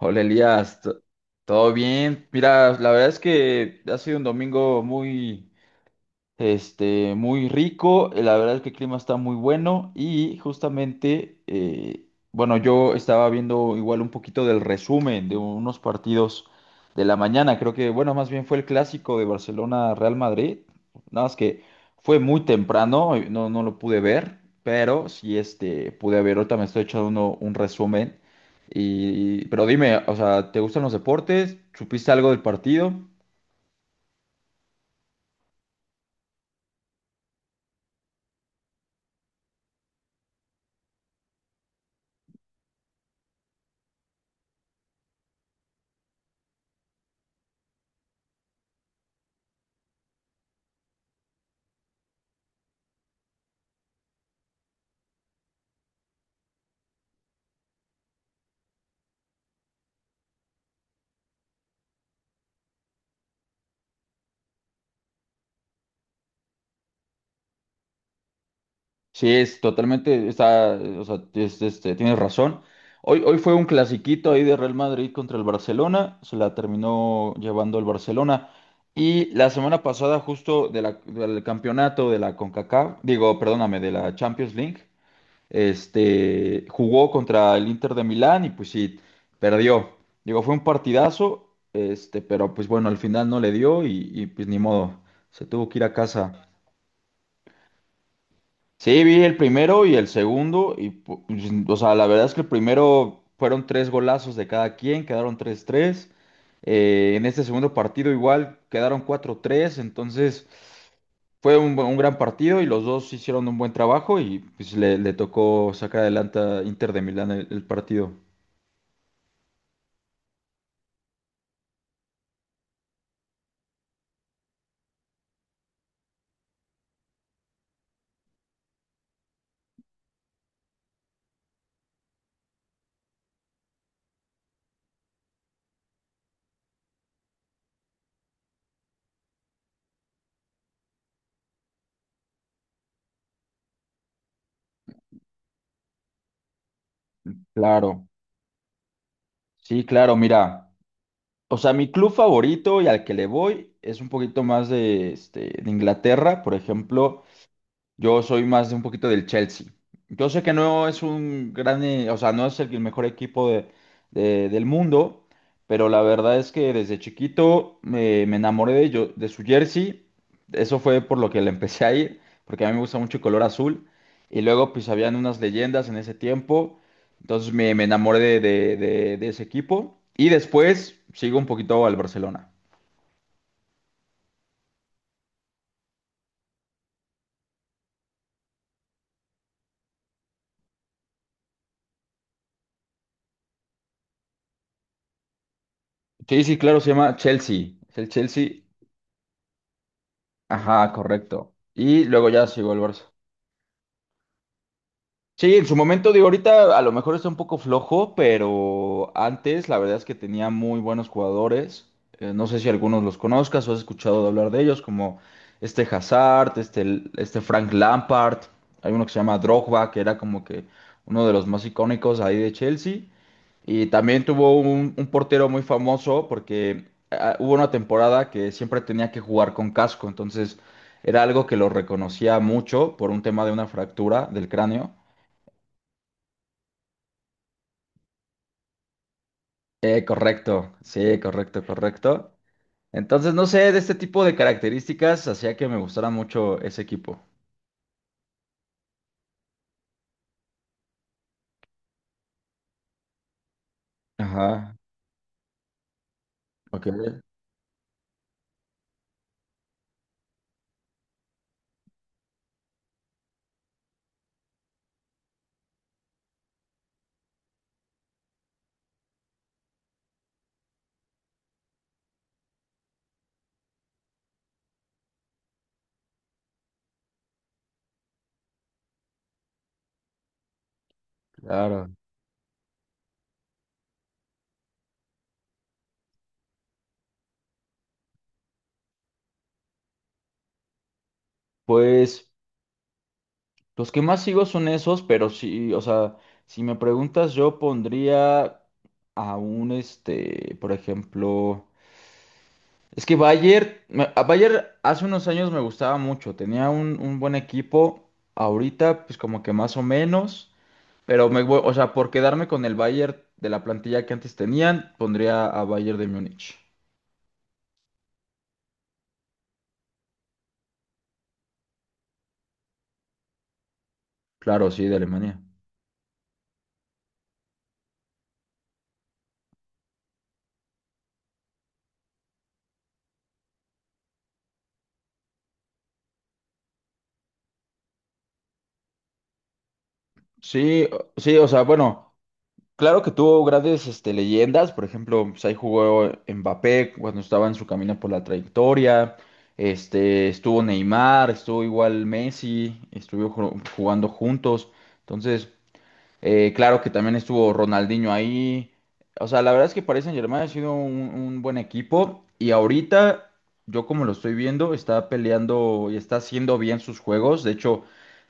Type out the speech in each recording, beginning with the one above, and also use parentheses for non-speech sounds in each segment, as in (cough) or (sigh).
Hola Elías, ¿todo bien? Mira, la verdad es que ha sido un domingo muy, muy rico, la verdad es que el clima está muy bueno y justamente, bueno, yo estaba viendo igual un poquito del resumen de unos partidos de la mañana, creo que, bueno, más bien fue el clásico de Barcelona-Real Madrid, nada más que fue muy temprano, no, no lo pude ver, pero sí, pude ver, ahorita me estoy echando un resumen, y, pero dime, o sea, ¿te gustan los deportes? ¿Supiste algo del partido? Sí, es totalmente, está, o sea, tienes razón. Hoy fue un clasiquito ahí de Real Madrid contra el Barcelona, se la terminó llevando el Barcelona. Y la semana pasada, justo de del campeonato de la CONCACAF, digo, perdóname, de la Champions League, jugó contra el Inter de Milán y pues sí, perdió. Digo, fue un partidazo, pero pues bueno, al final no le dio y pues ni modo, se tuvo que ir a casa. Sí, vi el primero y el segundo, y pues, o sea, la verdad es que el primero fueron tres golazos de cada quien, quedaron tres tres. En este segundo partido igual quedaron cuatro tres, entonces fue un, un gran partido y los dos hicieron un buen trabajo y pues, le tocó sacar adelante a Inter de Milán el partido. Claro, sí, claro, mira, o sea, mi club favorito y al que le voy es un poquito más de, de Inglaterra, por ejemplo. Yo soy más de un poquito del Chelsea. Yo sé que no es un gran, o sea, no es el mejor equipo del mundo, pero la verdad es que desde chiquito me enamoré de, yo, de su jersey. Eso fue por lo que le empecé a ir, porque a mí me gusta mucho el color azul. Y luego pues habían unas leyendas en ese tiempo. Entonces me enamoré de ese equipo. Y después sigo un poquito al Barcelona. Sí, sí, claro, se llama Chelsea. Es el Chelsea. Ajá, correcto. Y luego ya llegó el Barça. Sí, en su momento, digo, ahorita a lo mejor está un poco flojo, pero antes la verdad es que tenía muy buenos jugadores. No sé si algunos los conozcas o has escuchado de hablar de ellos, como este Hazard, este Frank Lampard. Hay uno que se llama Drogba, que era como que uno de los más icónicos ahí de Chelsea. Y también tuvo un, portero muy famoso porque hubo una temporada que siempre tenía que jugar con casco, entonces era algo que lo reconocía mucho por un tema de una fractura del cráneo. Correcto, sí, correcto, correcto. Entonces, no sé, de este tipo de características hacía que me gustara mucho ese equipo. Ajá, ok, claro. Pues los que más sigo son esos, pero sí, o sea, si me preguntas, yo pondría a un, por ejemplo, es que Bayer, a Bayer hace unos años me gustaba mucho, tenía un, buen equipo, ahorita pues como que más o menos. Pero me voy, o sea, por quedarme con el Bayern de la plantilla que antes tenían, pondría a Bayern de Múnich. Claro, sí, de Alemania. Sí, sí, o sea, bueno, claro que tuvo grandes leyendas, por ejemplo, pues ahí jugó Mbappé cuando estaba en su camino por la trayectoria, estuvo Neymar, estuvo igual Messi, estuvieron jugando juntos, entonces. Claro que también estuvo Ronaldinho ahí. O sea, la verdad es que Paris Saint-Germain ha sido un buen equipo y ahorita, yo como lo estoy viendo, está peleando y está haciendo bien sus juegos. De hecho,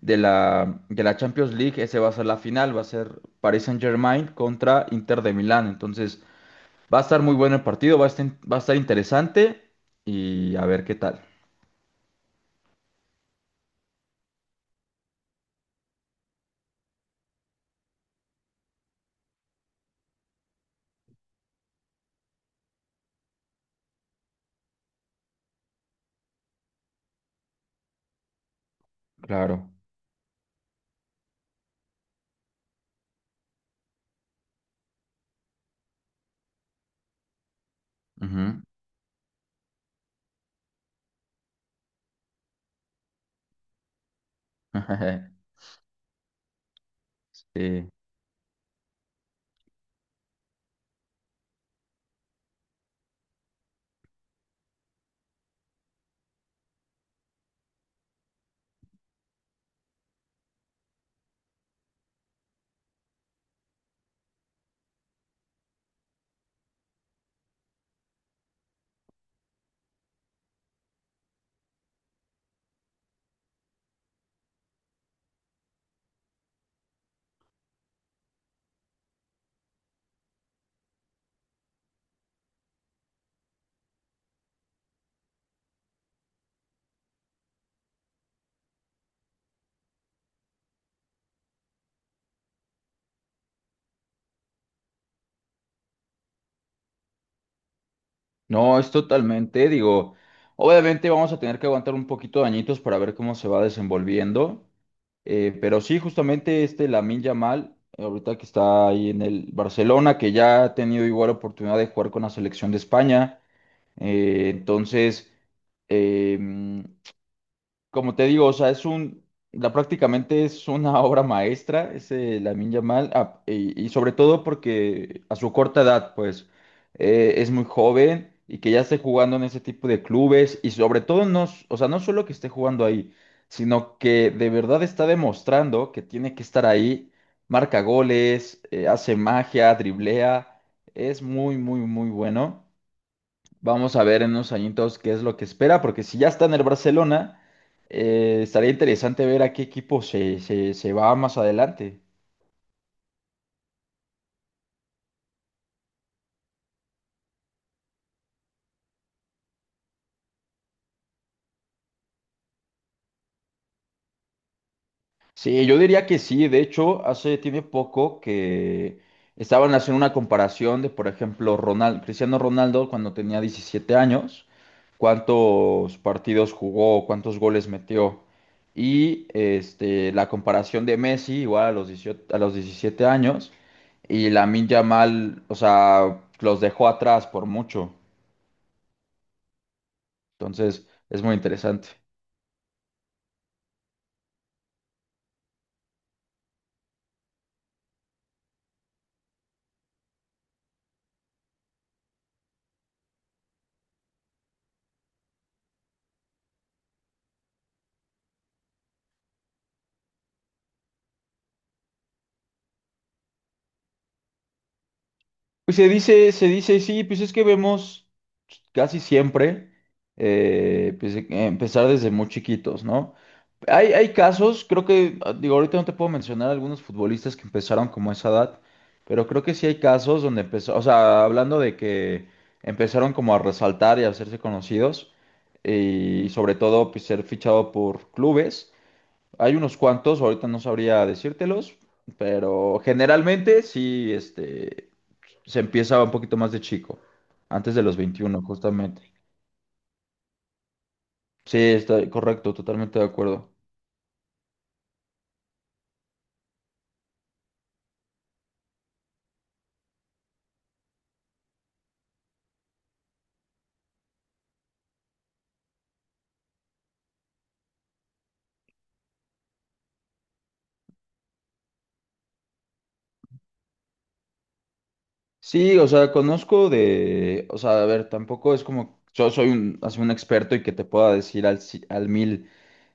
de la Champions League, ese va a ser la final, va a ser Paris Saint-Germain contra Inter de Milán. Entonces, va a estar muy bueno el partido, va a estar interesante, y a ver qué tal. Claro. Ujú. (laughs) Sí. No, es totalmente, digo, obviamente vamos a tener que aguantar un poquito de añitos para ver cómo se va desenvolviendo, pero sí, justamente este Lamine Yamal, ahorita que está ahí en el Barcelona, que ya ha tenido igual oportunidad de jugar con la selección de España, entonces. em, como te digo, o sea, es un, la, prácticamente es una (laughs) obra maestra, ese Lamine Yamal. Y sobre todo porque a su corta edad, pues, es muy joven y que ya esté jugando en ese tipo de clubes, y sobre todo, no, o sea, no solo que esté jugando ahí, sino que de verdad está demostrando que tiene que estar ahí, marca goles, hace magia, driblea, es muy, muy, muy bueno. Vamos a ver en unos añitos qué es lo que espera, porque si ya está en el Barcelona, estaría interesante ver a qué equipo se, se, se va más adelante. Sí, yo diría que sí. De hecho, hace tiene poco que estaban haciendo una comparación de, por ejemplo, Cristiano Ronaldo cuando tenía 17 años, cuántos partidos jugó, cuántos goles metió. Y este, la comparación de Messi, igual a los 18 a los 17 años, y Lamine Yamal, o sea, los dejó atrás por mucho. Entonces, es muy interesante. Pues se dice, sí, pues es que vemos casi siempre, pues, empezar desde muy chiquitos, ¿no? Hay casos, creo que, digo, ahorita no te puedo mencionar algunos futbolistas que empezaron como a esa edad, pero creo que sí hay casos donde empezó, o sea, hablando de que empezaron como a resaltar y a hacerse conocidos, y sobre todo, pues ser fichado por clubes. Hay unos cuantos, ahorita no sabría decírtelos, pero generalmente sí. Se empieza un poquito más de chico, antes de los 21 justamente. Sí, está correcto, totalmente de acuerdo. Sí, o sea, conozco de, o sea, a ver, tampoco es como, yo soy un, así un experto y que te pueda decir al, al mil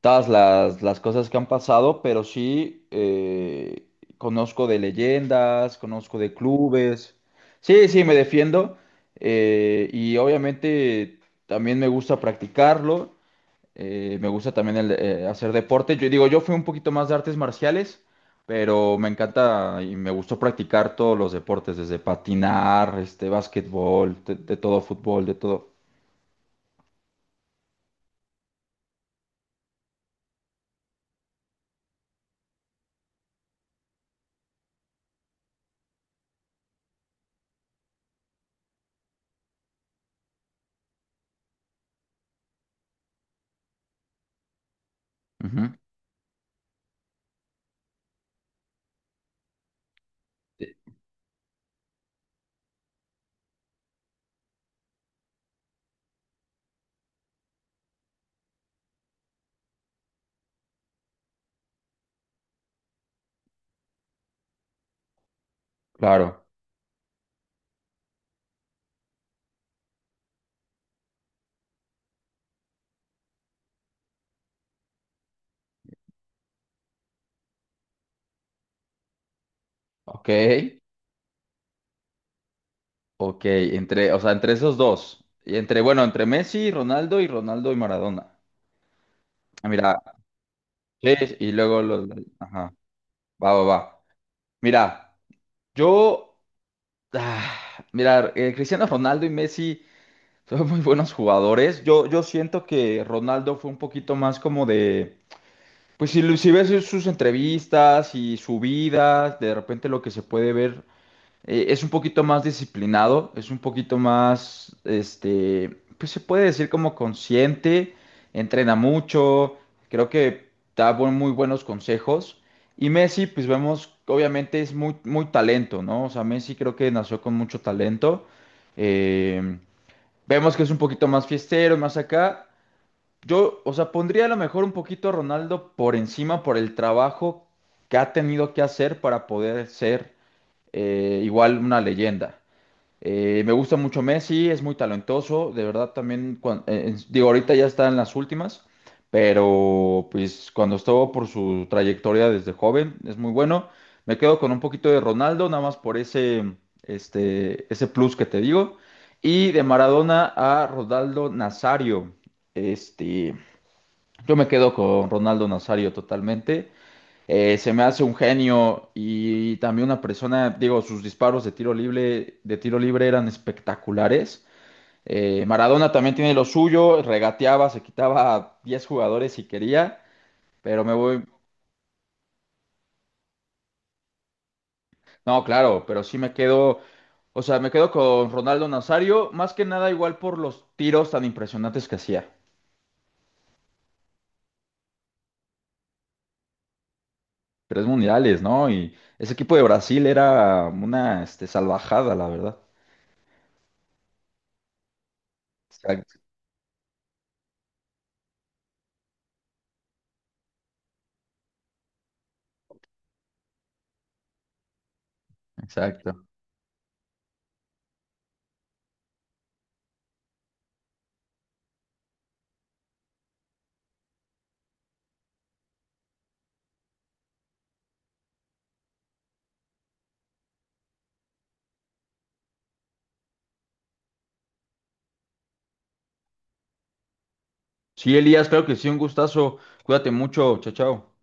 todas las cosas que han pasado, pero sí, conozco de leyendas, conozco de clubes. Sí, sí, me defiendo, y obviamente también me gusta practicarlo. Me gusta también el, hacer deporte. Yo digo, yo fui un poquito más de artes marciales, pero me encanta y me gustó practicar todos los deportes, desde patinar, básquetbol, de todo, fútbol, de todo. Ujú. Sí. Claro. Ok, ok. Entre, o sea, entre esos dos. Y entre, bueno, entre Messi, Ronaldo y Ronaldo y Maradona. Ah, mira, sí, y luego los. Ajá, va, va, va. Mira, yo. ah, Mira, Cristiano Ronaldo y Messi. Son muy buenos jugadores. Yo siento que Ronaldo fue un poquito más como de, pues si, si ves sus entrevistas y su vida, de repente lo que se puede ver es un poquito más disciplinado, es un poquito más, pues se puede decir como consciente, entrena mucho, creo que da muy buenos consejos. Y Messi, pues vemos, obviamente es muy, muy talento, ¿no? O sea, Messi creo que nació con mucho talento. eh, Vemos que es un poquito más fiestero, más acá. Yo, o sea, pondría a lo mejor un poquito a Ronaldo por encima por el trabajo que ha tenido que hacer para poder ser, igual una leyenda. Me gusta mucho Messi, es muy talentoso, de verdad también, digo, ahorita ya está en las últimas, pero pues cuando estuvo por su trayectoria desde joven, es muy bueno. Me quedo con un poquito de Ronaldo, nada más por ese, ese plus que te digo. Y de Maradona a Ronaldo Nazario, este, yo me quedo con Ronaldo Nazario totalmente. Se me hace un genio y también una persona, digo, sus disparos de tiro libre eran espectaculares. Maradona también tiene lo suyo, regateaba, se quitaba a 10 jugadores si quería, pero me voy, no, claro, pero sí me quedo, o sea, me quedo con Ronaldo Nazario, más que nada igual por los tiros tan impresionantes que hacía. Tres mundiales, ¿no? Y ese equipo de Brasil era una, salvajada, la verdad. Exacto. Exacto. Sí, Elías, claro que sí, un gustazo. Cuídate mucho, chao, chao.